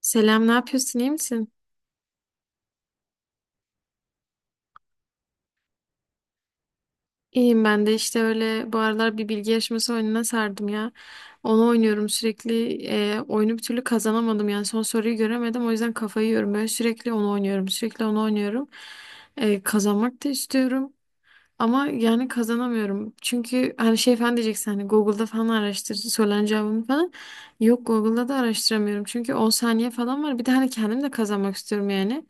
Selam, ne yapıyorsun? İyi misin? İyiyim ben de işte öyle bu aralar bir bilgi yarışması oyununa sardım ya. Onu oynuyorum sürekli. Oyunu bir türlü kazanamadım yani son soruyu göremedim o yüzden kafayı yiyorum. Böyle sürekli onu oynuyorum, sürekli onu oynuyorum. Kazanmak da istiyorum. Ama yani kazanamıyorum. Çünkü hani şey falan diyeceksin hani Google'da falan araştır söylen cevabımı falan. Yok, Google'da da araştıramıyorum. Çünkü 10 saniye falan var. Bir de hani kendim de kazanmak istiyorum yani.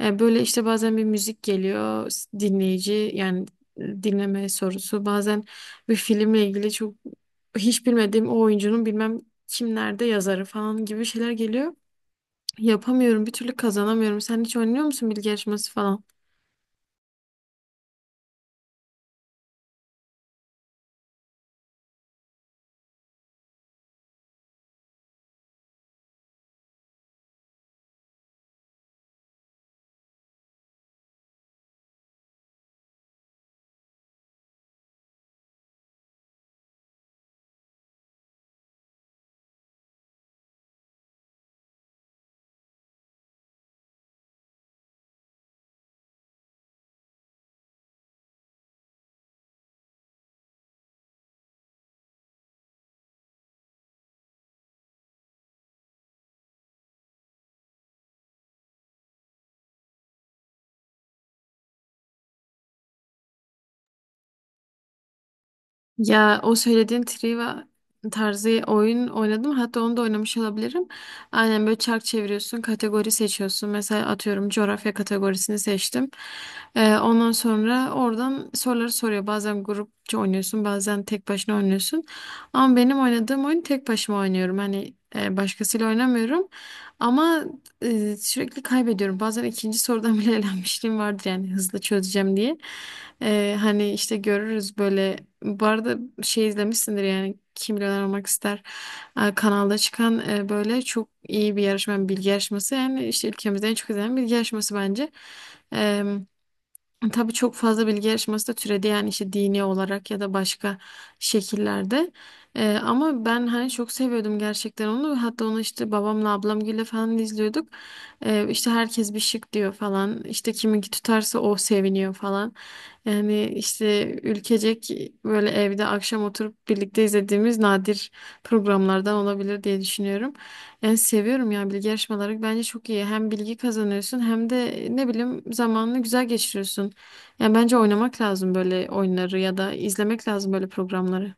Böyle işte bazen bir müzik geliyor dinleyici yani dinleme sorusu. Bazen bir filmle ilgili çok hiç bilmediğim o oyuncunun bilmem kimlerde yazarı falan gibi şeyler geliyor. Yapamıyorum, bir türlü kazanamıyorum. Sen hiç oynuyor musun bilgi yarışması falan? Ya o söylediğin Triva tarzı oyun oynadım. Hatta onu da oynamış olabilirim. Aynen böyle çark çeviriyorsun, kategori seçiyorsun. Mesela atıyorum coğrafya kategorisini seçtim. Ondan sonra oradan soruları soruyor. Bazen grupça oynuyorsun, bazen tek başına oynuyorsun. Ama benim oynadığım oyun tek başıma oynuyorum. Hani başkasıyla oynamıyorum. Ama sürekli kaybediyorum. Bazen ikinci sorudan bile elenmişliğim vardır yani hızlı çözeceğim diye. Hani işte görürüz böyle. Bu arada şey izlemişsindir yani Kim Milyoner Olmak ister, kanalda çıkan, böyle çok iyi bir yarışma, yani bilgi yarışması. Yani işte ülkemizde en çok izlenen bilgi yarışması bence. Tabii çok fazla bilgi yarışması da türedi yani işte dini olarak ya da başka şekillerde. Ama ben hani çok seviyordum gerçekten onu. Hatta onu işte babamla ablamgille falan izliyorduk. İşte herkes bir şık diyor falan. İşte kiminki tutarsa o seviniyor falan. Yani işte ülkecek böyle evde akşam oturup birlikte izlediğimiz nadir programlardan olabilir diye düşünüyorum. Yani seviyorum ya, bilgi yarışmaları bence çok iyi. Hem bilgi kazanıyorsun hem de ne bileyim zamanını güzel geçiriyorsun. Yani bence oynamak lazım böyle oyunları ya da izlemek lazım böyle programları.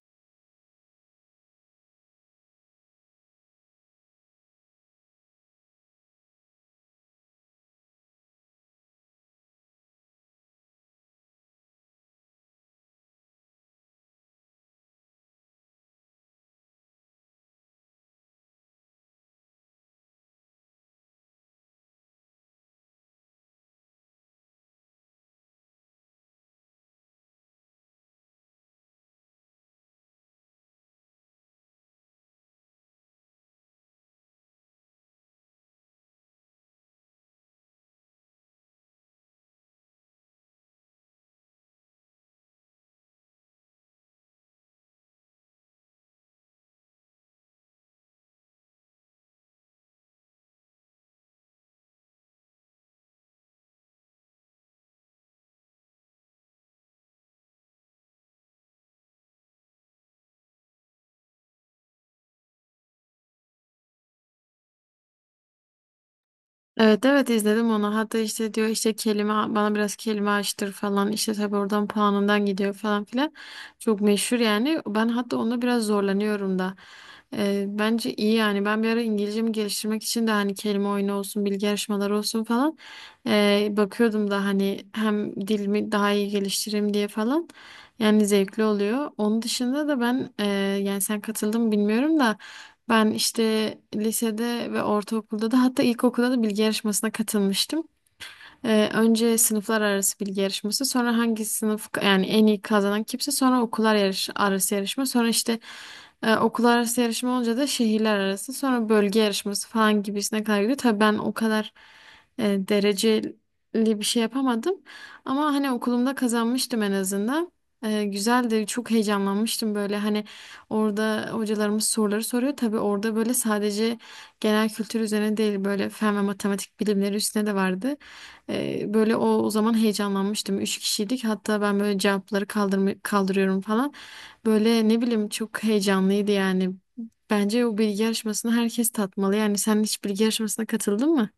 Evet, evet izledim onu. Hatta işte diyor işte kelime bana biraz kelime açtır falan. İşte tabii oradan puanından gidiyor falan filan. Çok meşhur yani. Ben hatta onda biraz zorlanıyorum da. Bence iyi yani. Ben bir ara İngilizcemi geliştirmek için de hani kelime oyunu olsun, bilgi yarışmaları olsun falan. Bakıyordum da hani hem dilimi daha iyi geliştireyim diye falan. Yani zevkli oluyor. Onun dışında da ben yani sen katıldın mı bilmiyorum da. Ben işte lisede ve ortaokulda da hatta ilkokulda da bilgi yarışmasına katılmıştım. Önce sınıflar arası bilgi yarışması, sonra hangi sınıf yani en iyi kazanan kimse, sonra okullar yarış, arası yarışma, sonra işte okullar arası yarışma olunca da şehirler arası, sonra bölge yarışması falan gibisine kadar gidiyor. Tabii ben o kadar dereceli bir şey yapamadım ama hani okulumda kazanmıştım en azından. Güzeldi, çok heyecanlanmıştım böyle hani orada hocalarımız soruları soruyor. Tabii orada böyle sadece genel kültür üzerine değil, böyle fen ve matematik bilimleri üstüne de vardı. Böyle o zaman heyecanlanmıştım. Üç kişiydik. Hatta ben böyle cevapları kaldırıyorum falan. Böyle ne bileyim çok heyecanlıydı yani. Bence o bilgi yarışmasını herkes tatmalı. Yani sen hiç bilgi yarışmasına katıldın mı?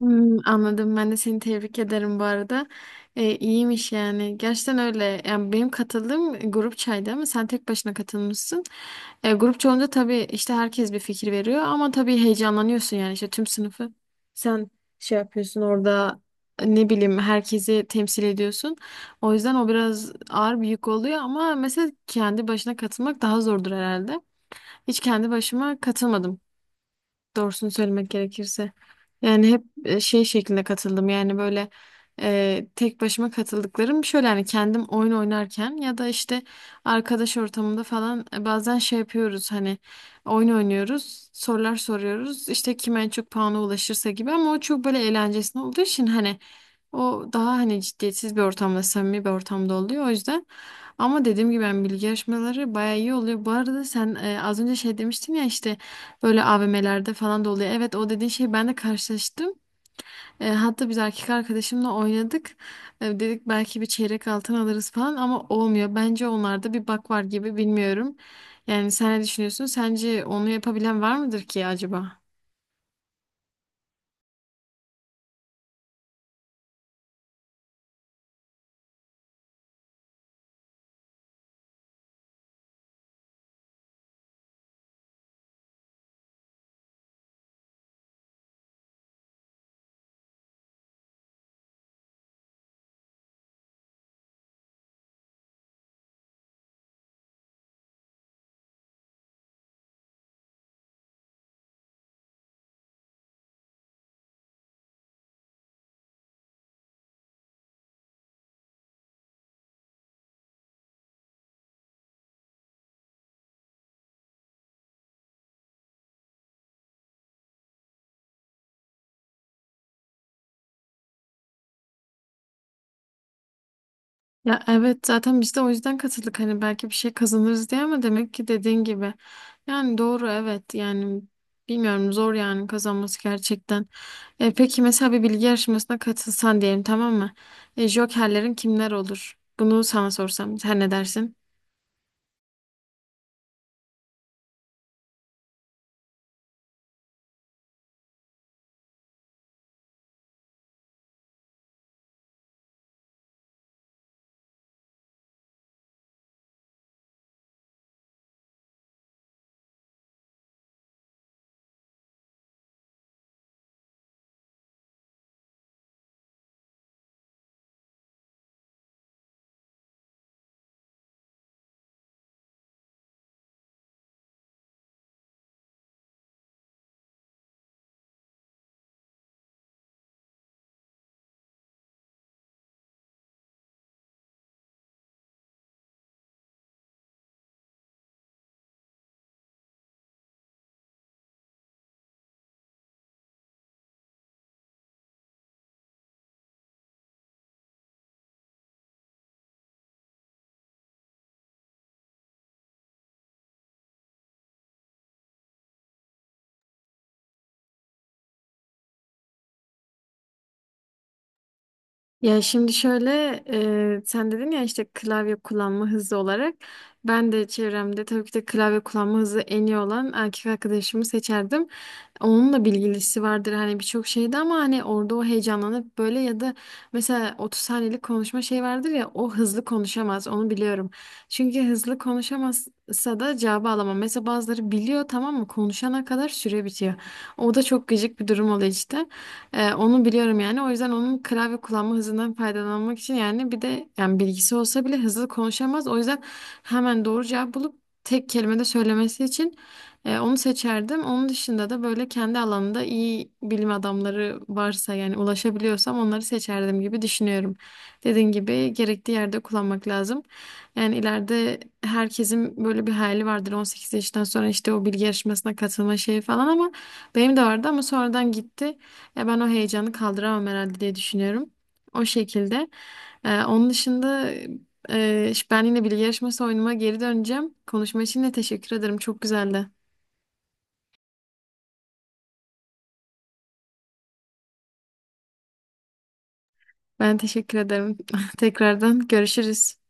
Hmm, anladım. Ben de seni tebrik ederim bu arada. İyiymiş yani. Gerçekten öyle. Yani benim katıldığım grup çaydı ama sen tek başına katılmışsın. Grup çoğunca tabii işte herkes bir fikir veriyor ama tabii heyecanlanıyorsun yani işte tüm sınıfı. Sen şey yapıyorsun orada, ne bileyim, herkesi temsil ediyorsun. O yüzden o biraz ağır bir yük oluyor ama mesela kendi başına katılmak daha zordur herhalde. Hiç kendi başıma katılmadım, doğrusunu söylemek gerekirse. Yani hep şey şeklinde katıldım. Yani böyle tek başıma katıldıklarım şöyle hani kendim oyun oynarken ya da işte arkadaş ortamında falan, bazen şey yapıyoruz hani oyun oynuyoruz, sorular soruyoruz, işte kim en çok puana ulaşırsa gibi ama o çok böyle eğlencesine olduğu için hani o daha hani ciddiyetsiz bir ortamda, samimi bir ortamda oluyor o yüzden. Ama dediğim gibi ben bilgi yarışmaları bayağı iyi oluyor. Bu arada sen az önce şey demiştin ya işte böyle AVM'lerde falan da oluyor. Evet, o dediğin şeyi ben de karşılaştım. E, hatta biz erkek arkadaşımla oynadık. E, dedik belki bir çeyrek altın alırız falan ama olmuyor. Bence onlarda bir bak var gibi, bilmiyorum. Yani sen ne düşünüyorsun? Sence onu yapabilen var mıdır ki acaba? Ya evet, zaten biz de o yüzden katıldık hani belki bir şey kazanırız diye ama demek ki dediğin gibi. Yani doğru, evet, yani bilmiyorum, zor yani kazanması gerçekten. E, peki mesela bir bilgi yarışmasına katılsan diyelim, tamam mı? E, jokerlerin kimler olur? Bunu sana sorsam sen ne dersin? Ya şimdi şöyle, sen dedin ya işte klavye kullanma hızı olarak ben de çevremde tabii ki de klavye kullanma hızı en iyi olan erkek arkadaşımı seçerdim. Onunla bilgilisi vardır hani birçok şeyde ama hani orada o heyecanlanıp böyle ya da mesela 30 saniyelik konuşma şey vardır ya, o hızlı konuşamaz, onu biliyorum. Çünkü hızlı konuşamazsa da cevabı alamam. Mesela bazıları biliyor tamam mı, konuşana kadar süre bitiyor. O da çok gıcık bir durum oluyor işte. Onu biliyorum yani. O yüzden onun klavye kullanma hızından faydalanmak için yani bir de yani bilgisi olsa bile hızlı konuşamaz. O yüzden hemen doğru cevap bulup tek kelimede söylemesi için onu seçerdim. Onun dışında da böyle kendi alanında iyi bilim adamları varsa yani ulaşabiliyorsam onları seçerdim gibi düşünüyorum. Dediğin gibi gerektiği yerde kullanmak lazım. Yani ileride herkesin böyle bir hayali vardır, 18 yaşından sonra işte o bilgi yarışmasına katılma şeyi falan ama benim de vardı ama sonradan gitti. Ya ben o heyecanı kaldıramam herhalde diye düşünüyorum. O şekilde. Onun dışında, işte ben yine bilgi yarışması oyunuma geri döneceğim. Konuşma için de teşekkür ederim. Çok güzeldi. Ben teşekkür ederim. Tekrardan görüşürüz.